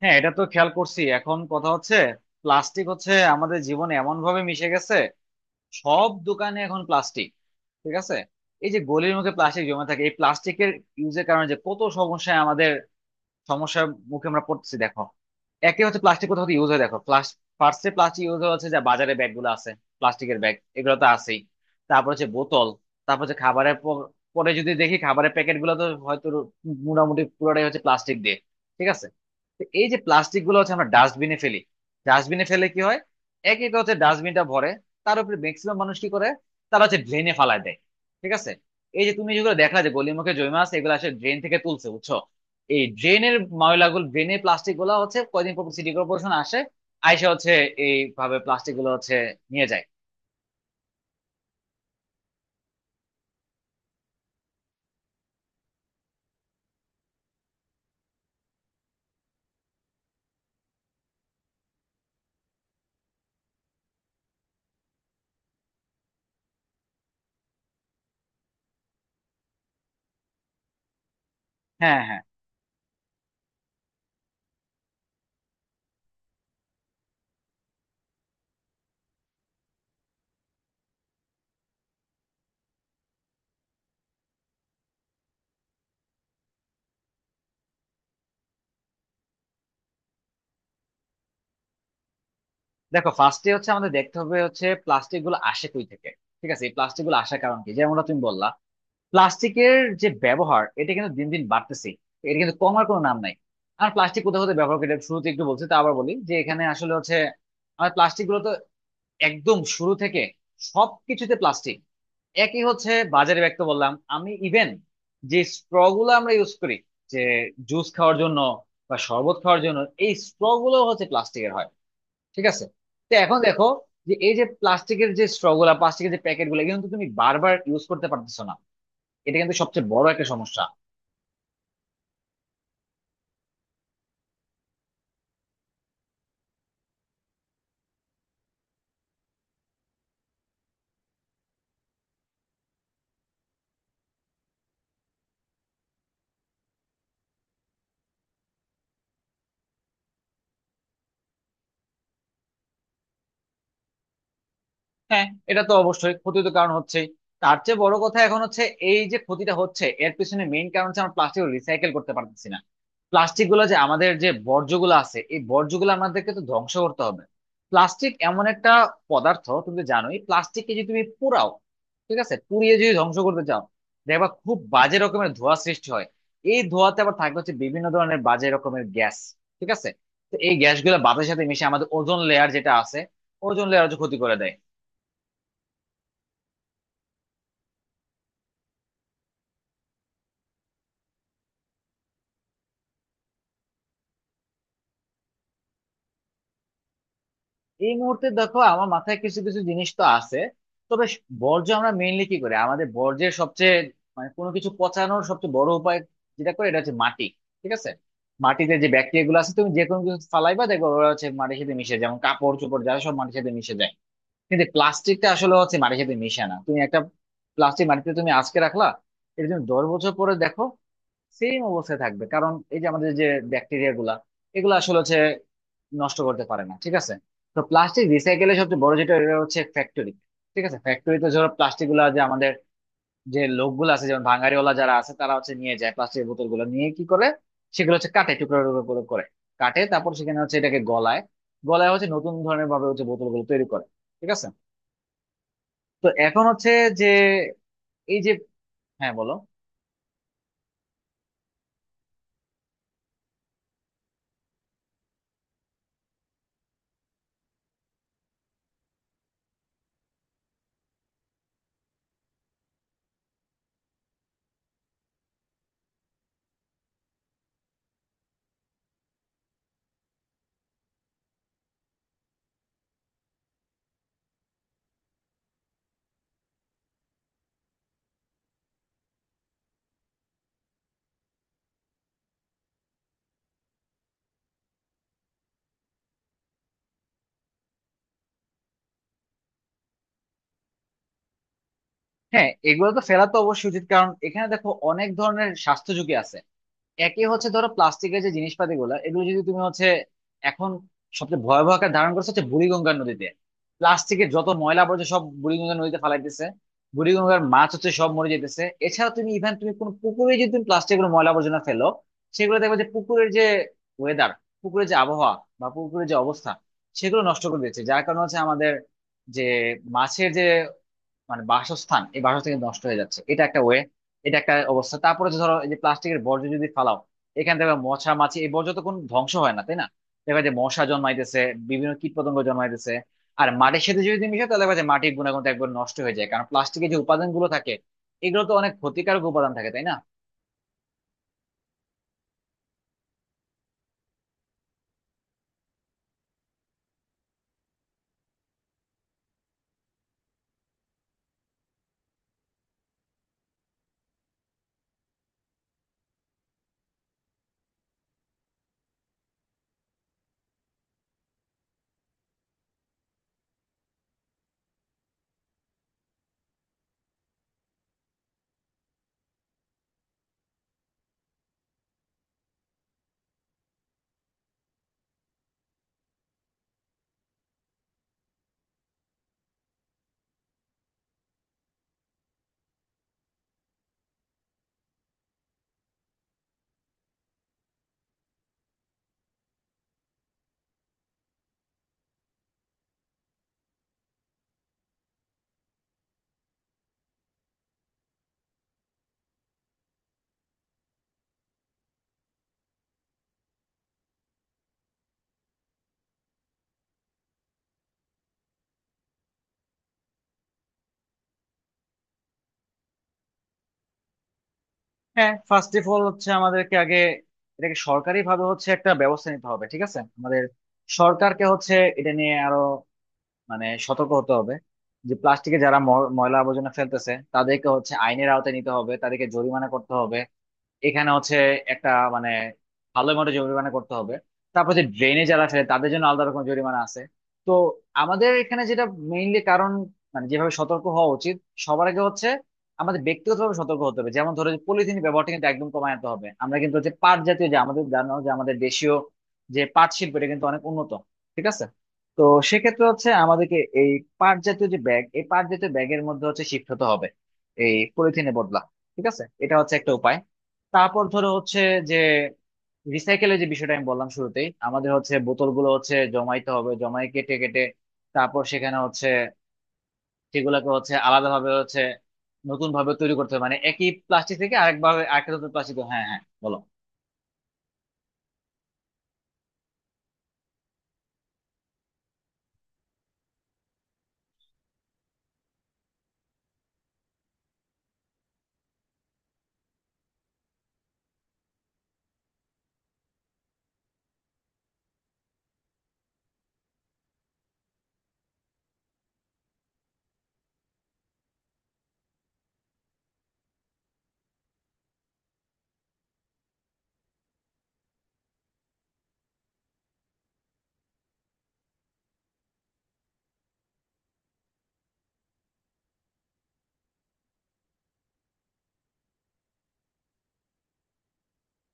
হ্যাঁ, এটা তো খেয়াল করছি। এখন কথা হচ্ছে, প্লাস্টিক হচ্ছে আমাদের জীবনে এমন ভাবে মিশে গেছে। সব দোকানে এখন প্লাস্টিক। ঠিক আছে। এই যে গলির মুখে প্লাস্টিক জমে থাকে, এই প্লাস্টিকের ইউজের কারণে যে কত সমস্যায় আমাদের, সমস্যার মুখে আমরা পড়তেছি, দেখো। একে হচ্ছে প্লাস্টিক কোথাও ইউজ হয় দেখো, ফার্স্টে প্লাস্টিক ইউজ হচ্ছে যা বাজারে ব্যাগ গুলো আছে, প্লাস্টিকের ব্যাগ, এগুলো তো আছেই। তারপর হচ্ছে বোতল। তারপর হচ্ছে পরে যদি দেখি খাবারের প্যাকেট গুলো তো হয়তো মোটামুটি পুরোটাই হচ্ছে প্লাস্টিক দিয়ে। ঠিক আছে। তো এই যে প্লাস্টিক গুলো হচ্ছে আমরা ডাস্টবিনে ফেলি। ডাস্টবিনে ফেলে কি হয়? এক এক হচ্ছে ডাস্টবিনটা ভরে। তার উপরে ম্যাক্সিমাম মানুষ কি করে, তারা হচ্ছে ড্রেনে ফালায় দেয়। ঠিক আছে। এই যে তুমি যেগুলো দেখলা যে গলির মুখে জমে আছে, এগুলো আসলে ড্রেন থেকে তুলছে, বুঝছো। এই ড্রেনের ময়লাগুলো, ড্রেনের প্লাস্টিক গুলা হচ্ছে কয়দিন পর সিটি কর্পোরেশন আসে, আইসা হচ্ছে এইভাবে প্লাস্টিক গুলো হচ্ছে নিয়ে যায়। হ্যাঁ, হ্যাঁ. দেখো, ফার্স্টে হচ্ছে আমাদের দেখতে হবে হচ্ছে প্লাস্টিক গুলো আসে কই থেকে। ঠিক আছে। এই প্লাস্টিক গুলো আসার কারণ কি, যেমনটা তুমি বললা, প্লাস্টিকের যে ব্যবহার, এটা কিন্তু দিন দিন বাড়তেছে, এটা কিন্তু কমার কোনো নাম নাই। আর প্লাস্টিক কোথাও কোথাও ব্যবহার করে, এটা শুরুতে একটু বলছি তা আবার বলি, যে এখানে আসলে হচ্ছে আমার প্লাস্টিক গুলো তো একদম শুরু থেকে সবকিছুতে প্লাস্টিক। একই হচ্ছে বাজারে ব্যাগ তো বললাম আমি, ইভেন যে স্ট্র গুলো আমরা ইউজ করি, যে জুস খাওয়ার জন্য বা শরবত খাওয়ার জন্য, এই স্ট্র গুলো হচ্ছে প্লাস্টিকের হয়। ঠিক আছে। তো এখন দেখো, যে এই যে প্লাস্টিকের যে স্ট্র গুলা, প্লাস্টিকের যে প্যাকেট গুলো, এগুলো কিন্তু তুমি বারবার ইউজ করতে পারতেছো না। এটা কিন্তু সবচেয়ে বড় একটা সমস্যা। হ্যাঁ, এটা তো অবশ্যই ক্ষতি তো কারণ হচ্ছেই। তার চেয়ে বড় কথা এখন হচ্ছে, এই যে ক্ষতিটা হচ্ছে এর পিছনে মেইন কারণ হচ্ছে আমরা প্লাস্টিক রিসাইকেল করতে পারতেছি না। প্লাস্টিক গুলো যে আমাদের যে বর্জ্যগুলো আছে, এই বর্জ্যগুলো আমাদেরকে তো ধ্বংস করতে হবে। প্লাস্টিক এমন একটা পদার্থ, তুমি তো জানোই, প্লাস্টিককে যদি তুমি পোড়াও, ঠিক আছে, পুড়িয়ে যদি ধ্বংস করতে চাও, দেখবা খুব বাজে রকমের ধোঁয়া সৃষ্টি হয়। এই ধোঁয়াতে আবার থাকে হচ্ছে বিভিন্ন ধরনের বাজে রকমের গ্যাস। ঠিক আছে। তো এই গ্যাসগুলো বাতাসের সাথে মিশে আমাদের ওজোন লেয়ার যেটা আছে, ওজোন লেয়ার ক্ষতি করে দেয়। এই মুহূর্তে দেখো আমার মাথায় কিছু কিছু জিনিস তো আছে। তবে বর্জ্য আমরা মেইনলি কি করি, আমাদের বর্জ্যের সবচেয়ে, মানে কোনো কিছু পচানোর সবচেয়ে বড় উপায় যেটা করে এটা হচ্ছে মাটি। ঠিক আছে। মাটিতে যে ব্যাকটেরিয়া গুলো আছে, তুমি যে কোনো কিছু ফালাইবা দেখবে ওরা হচ্ছে মাটির সাথে মিশে যায়, যেমন কাপড় চোপড় যা সব মাটির সাথে মিশে যায়। কিন্তু প্লাস্টিকটা আসলে হচ্ছে মাটির সাথে মিশে না। তুমি একটা প্লাস্টিক মাটিতে তুমি আজকে রাখলা, এটা তুমি 10 বছর পরে দেখো, সেম অবস্থায় থাকবে। কারণ এই যে আমাদের যে ব্যাকটেরিয়া গুলা, এগুলো আসলে হচ্ছে নষ্ট করতে পারে না। ঠিক আছে। তো প্লাস্টিক রিসাইকেলের সবচেয়ে বড় যেটা এটা হচ্ছে ফ্যাক্টরি। ঠিক আছে। ফ্যাক্টরিতে ধরো প্লাস্টিক গুলা, যে আমাদের যে লোকগুলো আছে যেমন ভাঙাড়িওয়ালা, যারা আছে তারা হচ্ছে নিয়ে যায় প্লাস্টিকের বোতল গুলো, নিয়ে কি করে সেগুলো হচ্ছে কাটে, টুকরো টুকরো করে করে। কাটে তারপর সেখানে হচ্ছে এটাকে গলায়, গলায় হচ্ছে নতুন ধরনের ভাবে হচ্ছে বোতল গুলো তৈরি করে। ঠিক আছে। তো এখন হচ্ছে যে এই যে, হ্যাঁ বলো। হ্যাঁ, এগুলো তো ফেলা তো অবশ্যই উচিত, কারণ এখানে দেখো অনেক ধরনের স্বাস্থ্য ঝুঁকি আছে। একই হচ্ছে ধরো প্লাস্টিকের যে জিনিসপাতি গুলা, এগুলো যদি তুমি হচ্ছে, এখন সবচেয়ে ভয়াবহ আকার ধারণ করছে হচ্ছে বুড়িগঙ্গা নদীতে। প্লাস্টিকের যত ময়লা আবর্জনা সব বুড়িগঙ্গা নদীতে ফালাইতেছে। বুড়িগঙ্গার মাছ হচ্ছে সব মরে যেতেছে। এছাড়া তুমি ইভেন তুমি কোনো পুকুরে যদি তুমি প্লাস্টিকের ময়লা আবর্জনা ফেলো, সেগুলো দেখবে যে পুকুরের যে ওয়েদার, পুকুরের যে আবহাওয়া বা পুকুরের যে অবস্থা সেগুলো নষ্ট করে দিচ্ছে। যার কারণে হচ্ছে আমাদের যে মাছের যে মানে বাসস্থান, এই বাসস্থান কিন্তু নষ্ট হয়ে যাচ্ছে। এটা একটা ওয়ে, এটা একটা অবস্থা। তারপরে যে ধরো এই যে প্লাস্টিকের বর্জ্য যদি ফালাও, এখান থেকে মশা মাছি, এই বর্জ্য তো কোনো ধ্বংস হয় না, তাই না। দেখা যায় মশা জন্মাইতেছে, বিভিন্ন কীট পতঙ্গ জন্মাইতেছে। আর মাটির সাথে যদি মিশে তাহলে দেখা যায় মাটির গুণাগুণ তো একবার নষ্ট হয়ে যায়, কারণ প্লাস্টিকের যে উপাদান গুলো থাকে, এগুলো তো অনেক ক্ষতিকারক উপাদান থাকে, তাই না। হ্যাঁ, ফার্স্ট অফ অল হচ্ছে আমাদেরকে আগে এটাকে সরকারি ভাবে হচ্ছে একটা ব্যবস্থা নিতে হবে। ঠিক আছে। আমাদের সরকারকে হচ্ছে এটা নিয়ে আরো মানে সতর্ক হতে হবে, যে প্লাস্টিকে যারা ময়লা আবর্জনা ফেলতেছে তাদেরকে হচ্ছে আইনের আওতায় নিতে হবে, তাদেরকে জরিমানা করতে হবে। এখানে হচ্ছে একটা মানে ভালো মতো জরিমানা করতে হবে। তারপর যে ড্রেনে যারা ফেলে তাদের জন্য আলাদা রকম জরিমানা আছে। তো আমাদের এখানে যেটা মেইনলি কারণ মানে যেভাবে সতর্ক হওয়া উচিত, সবার আগে হচ্ছে আমাদের ব্যক্তিগতভাবে সতর্ক হতে হবে। যেমন ধরো যে পলিথিন ব্যবহারটা কিন্তু একদম কমায় আনতে হবে। আমরা কিন্তু হচ্ছে পাট জাতীয় যে, আমাদের জানো যে আমাদের দেশীয় যে পাট শিল্প, এটা কিন্তু অনেক উন্নত। ঠিক আছে। তো সেক্ষেত্রে হচ্ছে আমাদেরকে এই পাট জাতীয় যে ব্যাগ, এই পাট জাতীয় ব্যাগের মধ্যে হচ্ছে শিফট হতে হবে, এই পলিথিনে বদলা। ঠিক আছে। এটা হচ্ছে একটা উপায়। তারপর ধরো হচ্ছে যে রিসাইকেলের যে বিষয়টা আমি বললাম শুরুতেই, আমাদের হচ্ছে বোতলগুলো হচ্ছে জমাইতে হবে, জমাই কেটে কেটে, তারপর সেখানে হচ্ছে সেগুলোকে হচ্ছে আলাদাভাবে হচ্ছে নতুন ভাবে তৈরি করতে হবে, মানে একই প্লাস্টিক থেকে আরেকভাবে আরেকটা নতুন প্লাস্টিক। হ্যাঁ, হ্যাঁ, বলো।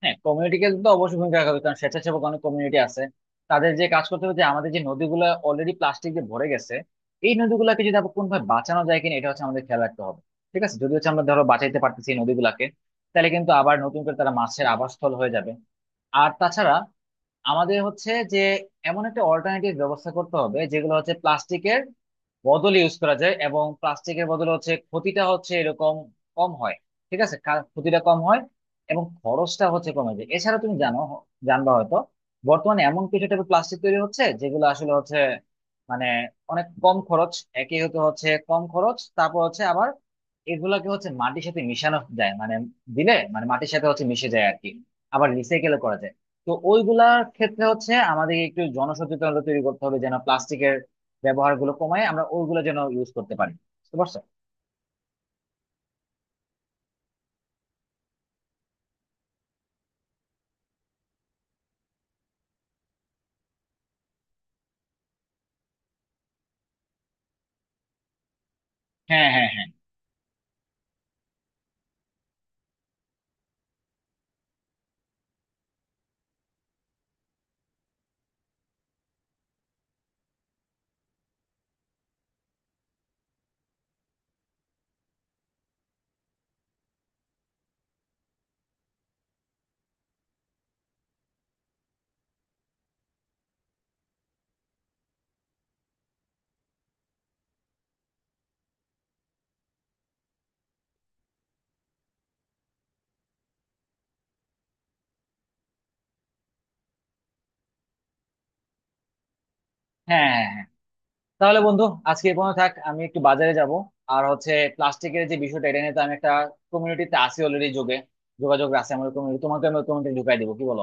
হ্যাঁ, কমিউনিটিকে তো অবশ্যই ভূমিকা রাখা হবে, কারণ স্বেচ্ছাসেবক অনেক কমিউনিটি আছে। তাদের যে কাজ করতে হবে যে আমাদের যে নদীগুলো অলরেডি প্লাস্টিক দিয়ে ভরে গেছে, এই নদীগুলোকে যদি আবার কোনোভাবে বাঁচানো যায় কিনা, এটা হচ্ছে আমাদের খেয়াল রাখতে হবে। ঠিক আছে। যদি হচ্ছে আমরা ধরো বাঁচাইতে পারতেছি এই নদীগুলাকে, তাহলে কিন্তু আবার নতুন করে তারা মাছের আবাসস্থল হয়ে যাবে। আর তাছাড়া আমাদের হচ্ছে যে এমন একটা অল্টারনেটিভ ব্যবস্থা করতে হবে, যেগুলো হচ্ছে প্লাস্টিকের বদল ইউজ করা যায় এবং প্লাস্টিকের বদলে হচ্ছে ক্ষতিটা হচ্ছে এরকম কম হয়। ঠিক আছে। ক্ষতিটা কম হয় এবং খরচটা হচ্ছে কমে যায়। এছাড়া তুমি জানো, জানবা হয়তো, বর্তমানে এমন কিছু টাইপের প্লাস্টিক তৈরি হচ্ছে যেগুলো আসলে হচ্ছে মানে অনেক কম খরচ। একই হতে হচ্ছে কম খরচ, তারপর হচ্ছে আবার এগুলাকে হচ্ছে মাটির সাথে মিশানো যায়, মানে দিলে মানে মাটির সাথে হচ্ছে মিশে যায় আর কি, আবার রিসাইকেল করা যায়। তো ওইগুলার ক্ষেত্রে হচ্ছে আমাদের একটু জনসচেতনতা তৈরি করতে হবে, যেন প্লাস্টিকের ব্যবহার গুলো কমায় আমরা ওইগুলো যেন ইউজ করতে পারি। বুঝতে পারছো? হ্যাঁ, হ্যাঁ, হ্যাঁ. হ্যাঁ, হ্যাঁ, হ্যাঁ. তাহলে বন্ধু, আজকে এ পর্যন্ত থাক, আমি একটু বাজারে যাব। আর হচ্ছে প্লাস্টিকের যে বিষয়টা এটা নিয়ে তো আমি একটা কমিউনিটিতে আছি, অলরেডি যোগাযোগ আছে আমাদের কমিউনিটি, তোমাকে আমি কমিউনিটি ঢুকাই দিবো, কি বলো?